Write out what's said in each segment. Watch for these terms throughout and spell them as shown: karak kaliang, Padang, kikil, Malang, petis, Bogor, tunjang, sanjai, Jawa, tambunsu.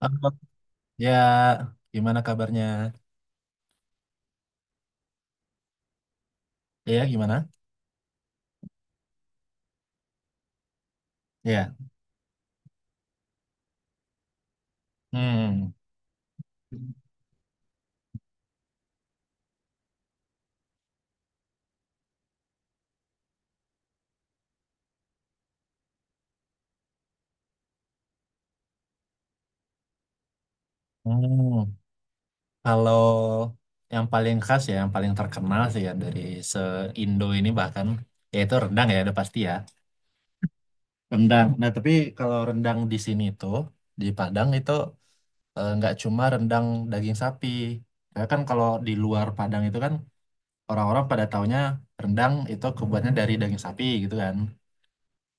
Halo. Ya, gimana kabarnya? Ya, gimana? Ya. Hmm. Hmm. Kalau yang paling khas ya, yang paling terkenal sih ya dari se-Indo ini bahkan yaitu rendang ya, udah pasti ya. Rendang. Nah, tapi kalau rendang di sini tuh di Padang itu nggak cuma rendang daging sapi. Ya kan kalau di luar Padang itu kan orang-orang pada taunya rendang itu kebuatnya dari daging sapi gitu kan.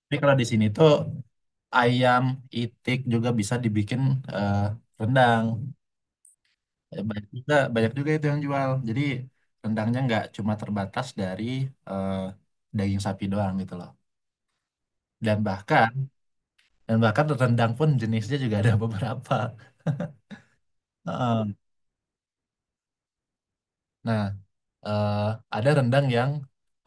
Tapi kalau di sini tuh ayam, itik juga bisa dibikin eh, rendang. Banyak juga itu yang jual. Jadi rendangnya nggak cuma terbatas dari eh, daging sapi doang gitu loh. Dan bahkan dan bahkan rendang pun jenisnya juga ada beberapa. Heeh. Nah, eh, ada rendang yang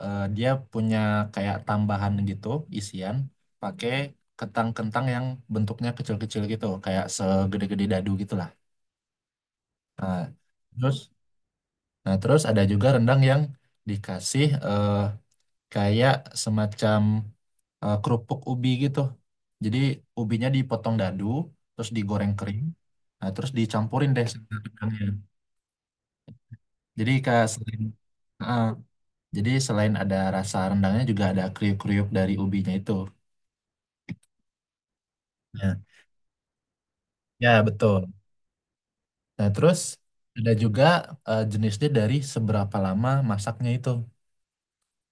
dia punya kayak tambahan gitu, isian pakai kentang-kentang yang bentuknya kecil-kecil gitu, kayak segede-gede dadu gitu lah. Nah, terus Nah, terus ada juga rendang yang dikasih kayak semacam kerupuk ubi gitu. Jadi ubinya dipotong dadu, terus digoreng kering, nah, terus dicampurin deh sama rendangnya. Jadi kayak selain, ah, jadi selain ada rasa rendangnya juga ada kriuk-kriuk dari ubinya itu. Ya, ya betul. Nah, terus ada juga jenisnya dari seberapa lama masaknya itu.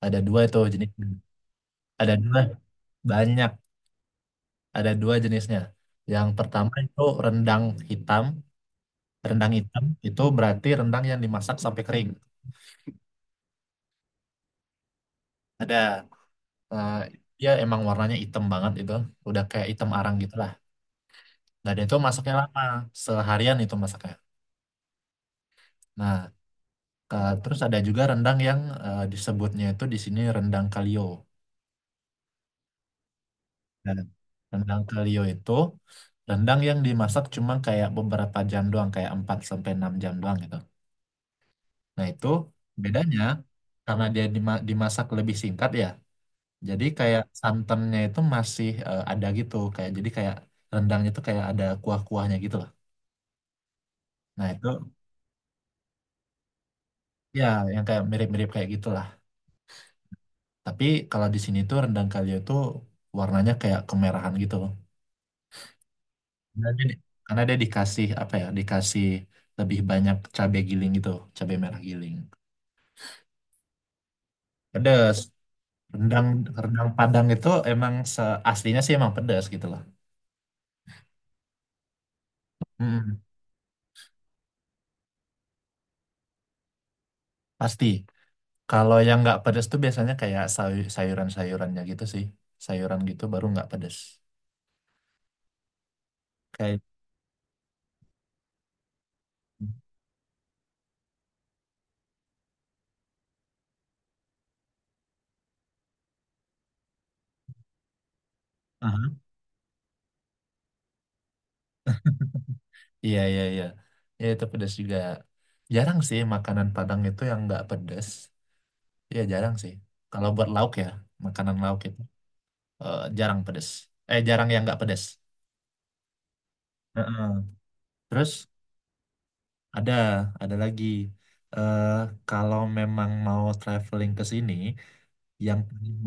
Ada dua itu jenisnya. Ada dua, banyak. Ada dua jenisnya. Yang pertama itu rendang hitam. Rendang hitam itu berarti rendang yang dimasak sampai kering. Ada eh, dia emang warnanya hitam banget itu, udah kayak hitam arang gitulah. Nah, dia itu masaknya lama, seharian itu masaknya. Nah, terus ada juga rendang yang disebutnya itu di sini rendang kalio. Dan rendang kalio itu rendang yang dimasak cuma kayak beberapa jam doang, kayak 4 sampai 6 jam doang gitu. Nah, itu bedanya karena dia dimasak lebih singkat ya. Jadi kayak santannya itu masih ada gitu, kayak jadi kayak rendangnya itu kayak ada kuah-kuahnya gitu lah. Nah, itu ya yang kayak mirip-mirip kayak gitulah. Tapi kalau di sini tuh rendang kalio itu warnanya kayak kemerahan gitu. Karena dia, di- karena dia dikasih apa ya? Dikasih lebih banyak cabai giling gitu, cabai merah giling. Pedas. Rendang rendang Padang itu emang aslinya sih emang pedas gitu lah. Mm, pasti. Kalau yang nggak pedes tuh biasanya kayak sayuran-sayurannya gitu sih. Sayuran gitu baru nggak pedes. Kayak. Aha. Iya, iya, iya. Ya itu pedes juga. Jarang sih makanan Padang itu yang nggak pedes. Iya, jarang sih. Kalau buat lauk ya, makanan lauk itu jarang pedes. Jarang yang nggak pedes. Heeh. Terus ada, ada lagi. eh Kalau memang mau traveling ke sini, yang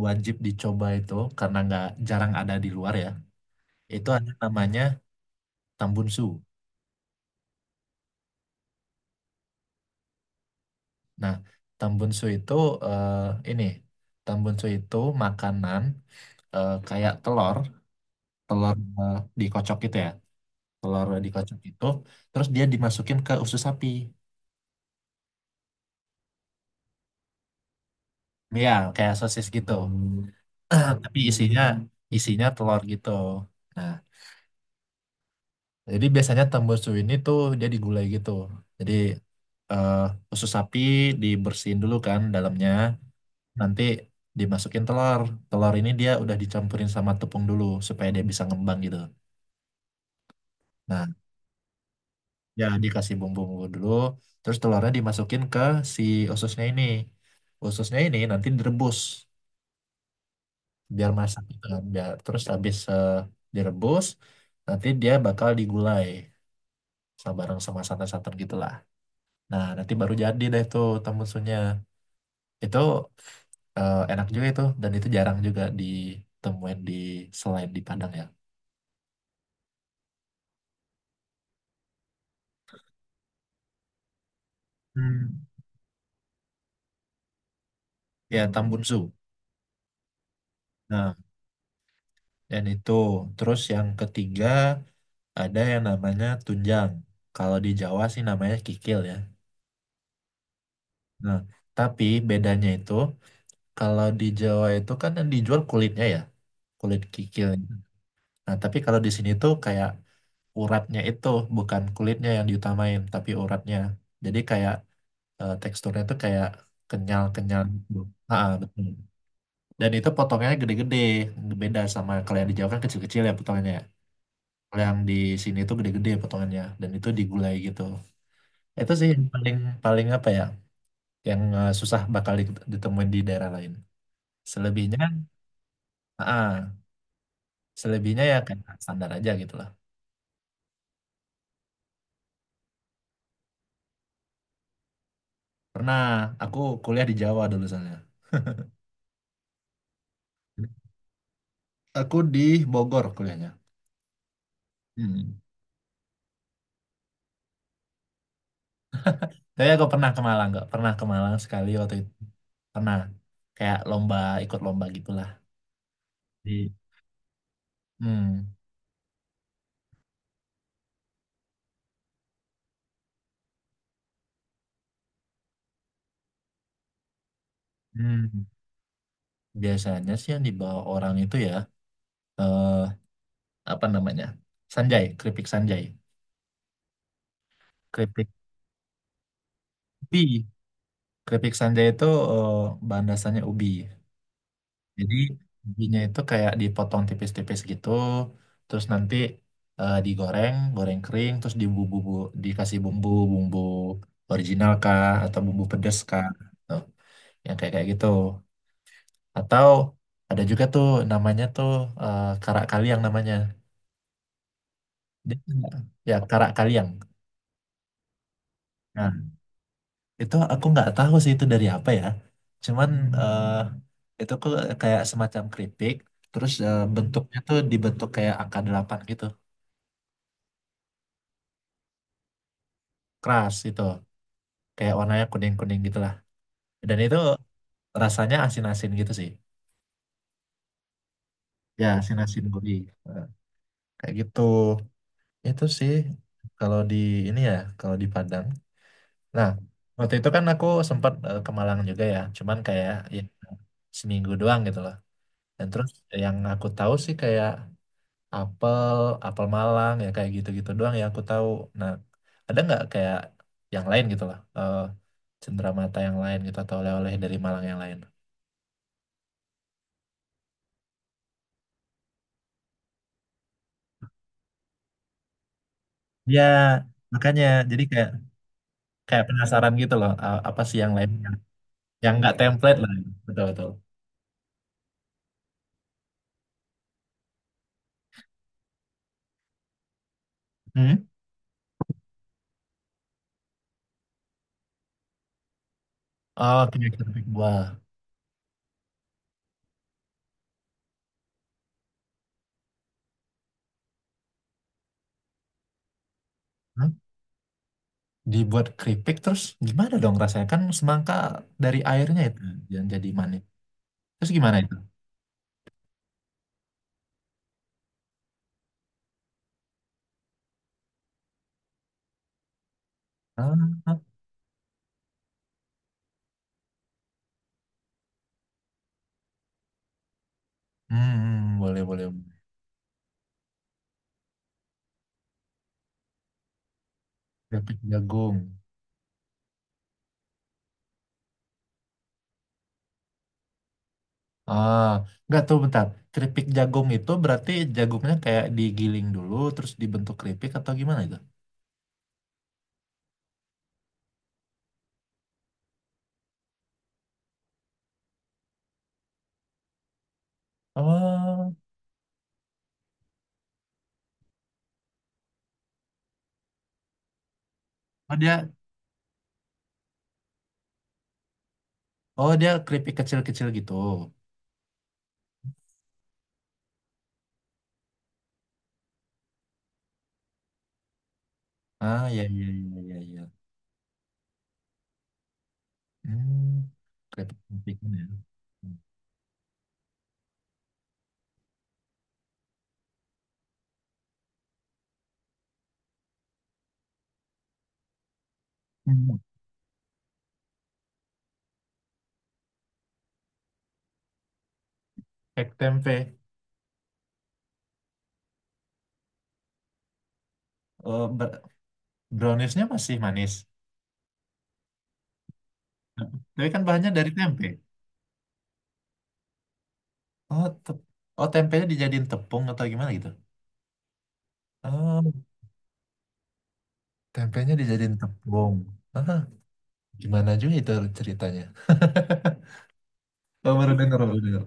wajib dicoba itu karena nggak jarang ada di luar ya. Itu ada namanya tambunsu. Nah, tambunsu itu eh, ini tambunsu itu makanan kayak telur, telur eh, dikocok gitu ya, telur dikocok itu, terus dia dimasukin ke usus sapi, ya kayak sosis gitu. Tapi isinya isinya telur gitu. Nah, jadi biasanya tambunsu ini tuh dia digulai gitu. Jadi eh, usus sapi dibersihin dulu kan dalamnya. Nanti dimasukin telur. Telur ini dia udah dicampurin sama tepung dulu supaya dia bisa ngembang gitu. Nah, ya dikasih bumbu-bumbu dulu, terus telurnya dimasukin ke si ususnya ini. Ususnya ini nanti direbus biar masak gitu kan. Biar terus habis direbus, nanti dia bakal digulai sama bareng sama santan-santan gitulah. Nah, nanti baru jadi deh tuh temmusunya. Itu enak juga itu dan itu jarang juga ditemuin di selain di Padang ya. Hmm. Ya Tambunsu. Nah, dan itu terus yang ketiga ada yang namanya tunjang. Kalau di Jawa sih namanya kikil ya. Nah, tapi bedanya itu kalau di Jawa itu kan yang dijual kulitnya ya, kulit kikil. Nah, tapi kalau di sini tuh kayak uratnya itu bukan kulitnya yang diutamain, tapi uratnya. Jadi kayak teksturnya tuh kayak kenyal-kenyal gitu. Ah, ah, betul. Dan itu potongnya gede-gede, beda sama kalau yang di Jawa kan kecil-kecil ya potongnya. Kalau yang di sini tuh gede-gede potongannya dan itu digulai gitu. Itu sih yang paling paling apa ya? Yang susah bakal ditemuin di daerah lain. Selebihnya, ah, selebihnya ya kayak standar aja gitu lah. Pernah aku kuliah di Jawa dulu soalnya. Aku di Bogor kuliahnya. Hmm. Tapi aku pernah ke Malang, nggak pernah ke Malang sekali waktu itu. Pernah kayak lomba ikut lomba gitulah. Di- Hmm. Hmm. Biasanya sih yang dibawa orang itu ya eh, apa namanya, sanjai, keripik sanjai, keripik ubi, keripik sanjai itu eh, bahan dasarnya ubi. Jadi ubinya itu kayak dipotong tipis-tipis gitu, terus nanti digoreng goreng kering terus dibumbu, dikasih bumbu bumbu original kah atau bumbu pedes kah, tuh yang kayak kayak gitu. Atau ada juga tuh namanya tuh karak kaliang namanya. Dia- Ya karak kaliang. Nah, itu aku nggak tahu sih itu dari apa ya, cuman eh, itu kok kayak semacam keripik, terus bentuknya tuh dibentuk kayak angka delapan gitu, keras itu, kayak warnanya kuning kuning gitulah, dan itu rasanya asin asin gitu sih, ya asin asin gurih. Eh, Kayak gitu itu sih kalau di ini ya kalau di Padang. Nah, waktu itu kan aku sempat ke Malang juga ya, cuman kayak ya, seminggu doang gitu loh. Dan terus yang aku tahu sih kayak apel, apel Malang, ya kayak gitu-gitu doang yang aku tahu. Nah, ada nggak kayak yang lain gitu lah, cenderamata yang lain gitu atau oleh-oleh dari Malang yang lain? Ya, makanya jadi kayak kayak penasaran gitu loh, apa sih yang lain, yang nggak template lah, betul-betul. Hmm? Oh, keripik keripik buah. Hmm? Dibuat keripik terus gimana dong rasanya? Kan semangka dari airnya itu yang jadi manis. Terus gimana itu? Ah, boleh boleh. Keripik jagung. Ah, nggak tuh bentar. Keripik jagung itu berarti jagungnya kayak digiling dulu, terus dibentuk keripik atau gimana itu? Oh, oh dia, oh dia keripik kecil-kecil gitu. Ah, ya, ya, ya, ya, ya. Ya. Hmm, Keripik keripiknya. Ya. Hmm, Kayak tempe. Oh, browniesnya masih manis. Tapi kan bahannya dari tempe. Oh, oh tempenya dijadiin tepung atau gimana gitu? Oh, tempenya dijadiin tepung. Ah. Gimana juga itu ceritanya? Oh, baru denger, baru dengar?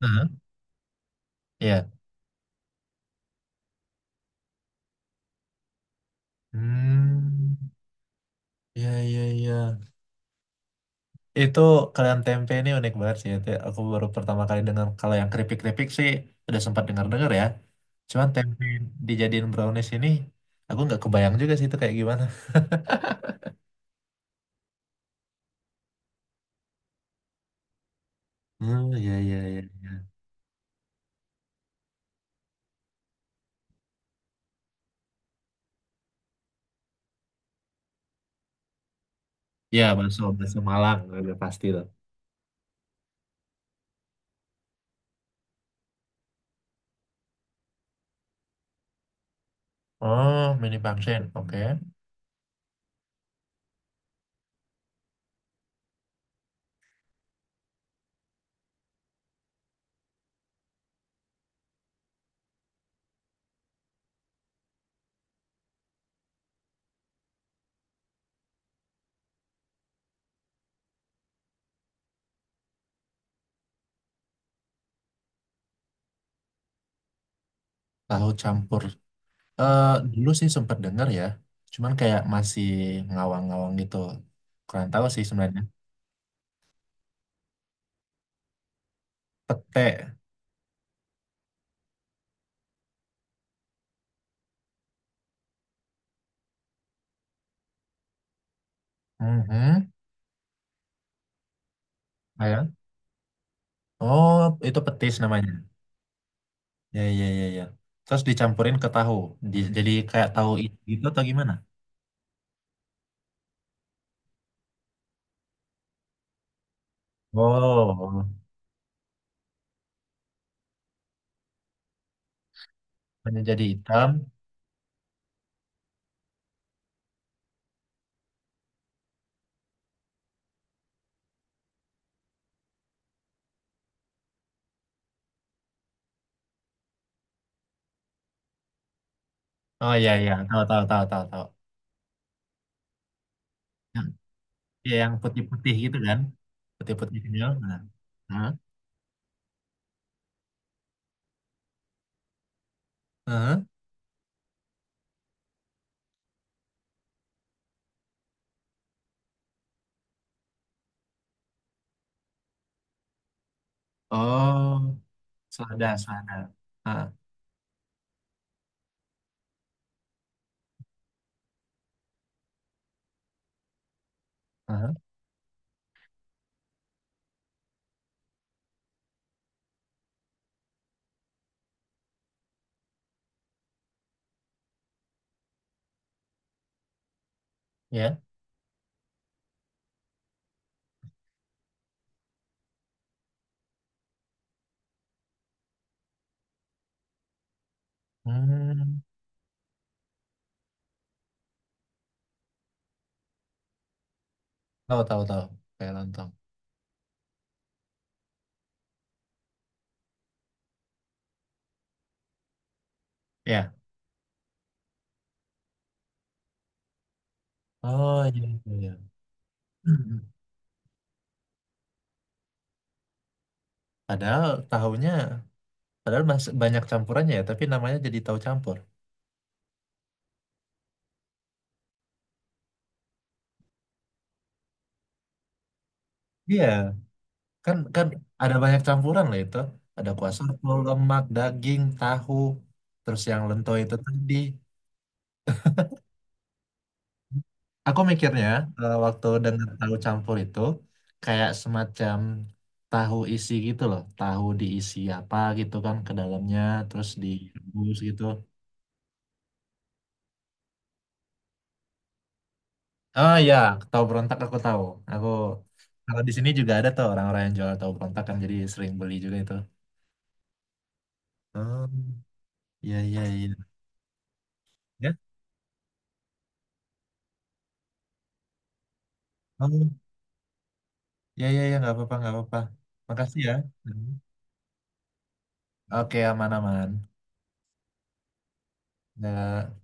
Heeh, iya. Hmm. Ya ya ya. Itu kalian tempe ini unik banget sih. Itu aku baru pertama kali dengar. Kalau yang keripik-keripik sih udah sempat dengar-dengar ya. Cuman tempe dijadiin brownies ini, aku nggak kebayang juga sih itu kayak gimana. Hmm, ya ya ya. Ya, bakso, bakso Malang, udah pasti tuh. Oh, mini pangsit, oke. Tahu campur. Eh, Dulu sih sempat dengar ya, cuman kayak masih ngawang-ngawang gitu. Kurang tahu sih sebenarnya. Pete. Mhm. Ayam. Oh, itu petis namanya. Ya, ya, ya, ya. Terus dicampurin ke tahu. Jadi kayak tahu gitu atau gimana? Oh, hanya jadi hitam. Oh, ya, ya. Tahu, tahu, tahu, tahu, tahu. Yang, yang putih-putih gitu kan? Putih-putihnya. Nah. Hah? Hah? Oh, selada, selada. Ah, ah, ya. Hmm. Tahu tahu tahu kayak lontong. Ya. Oh iya iya. Iya. Mhm. Padahal tahunya padahal masih banyak campurannya ya, tapi namanya jadi tahu campur. Iya, kan kan ada banyak campuran lah itu. Ada kuah soto, lemak, daging, tahu, terus yang lento itu tadi. Aku mikirnya waktu dengar tahu campur itu kayak semacam tahu isi gitu loh, tahu diisi apa gitu kan ke dalamnya, terus direbus gitu. Oh iya, tahu berontak aku tahu. Aku kalau di sini juga ada tuh orang-orang yang jual tahu berontak kan jadi sering beli juga itu. Oh, iya iya iya. Ya? Oh, iya iya iya nggak apa-apa nggak apa-apa. Makasih ya. Hmm. Oke aman-aman. Ya.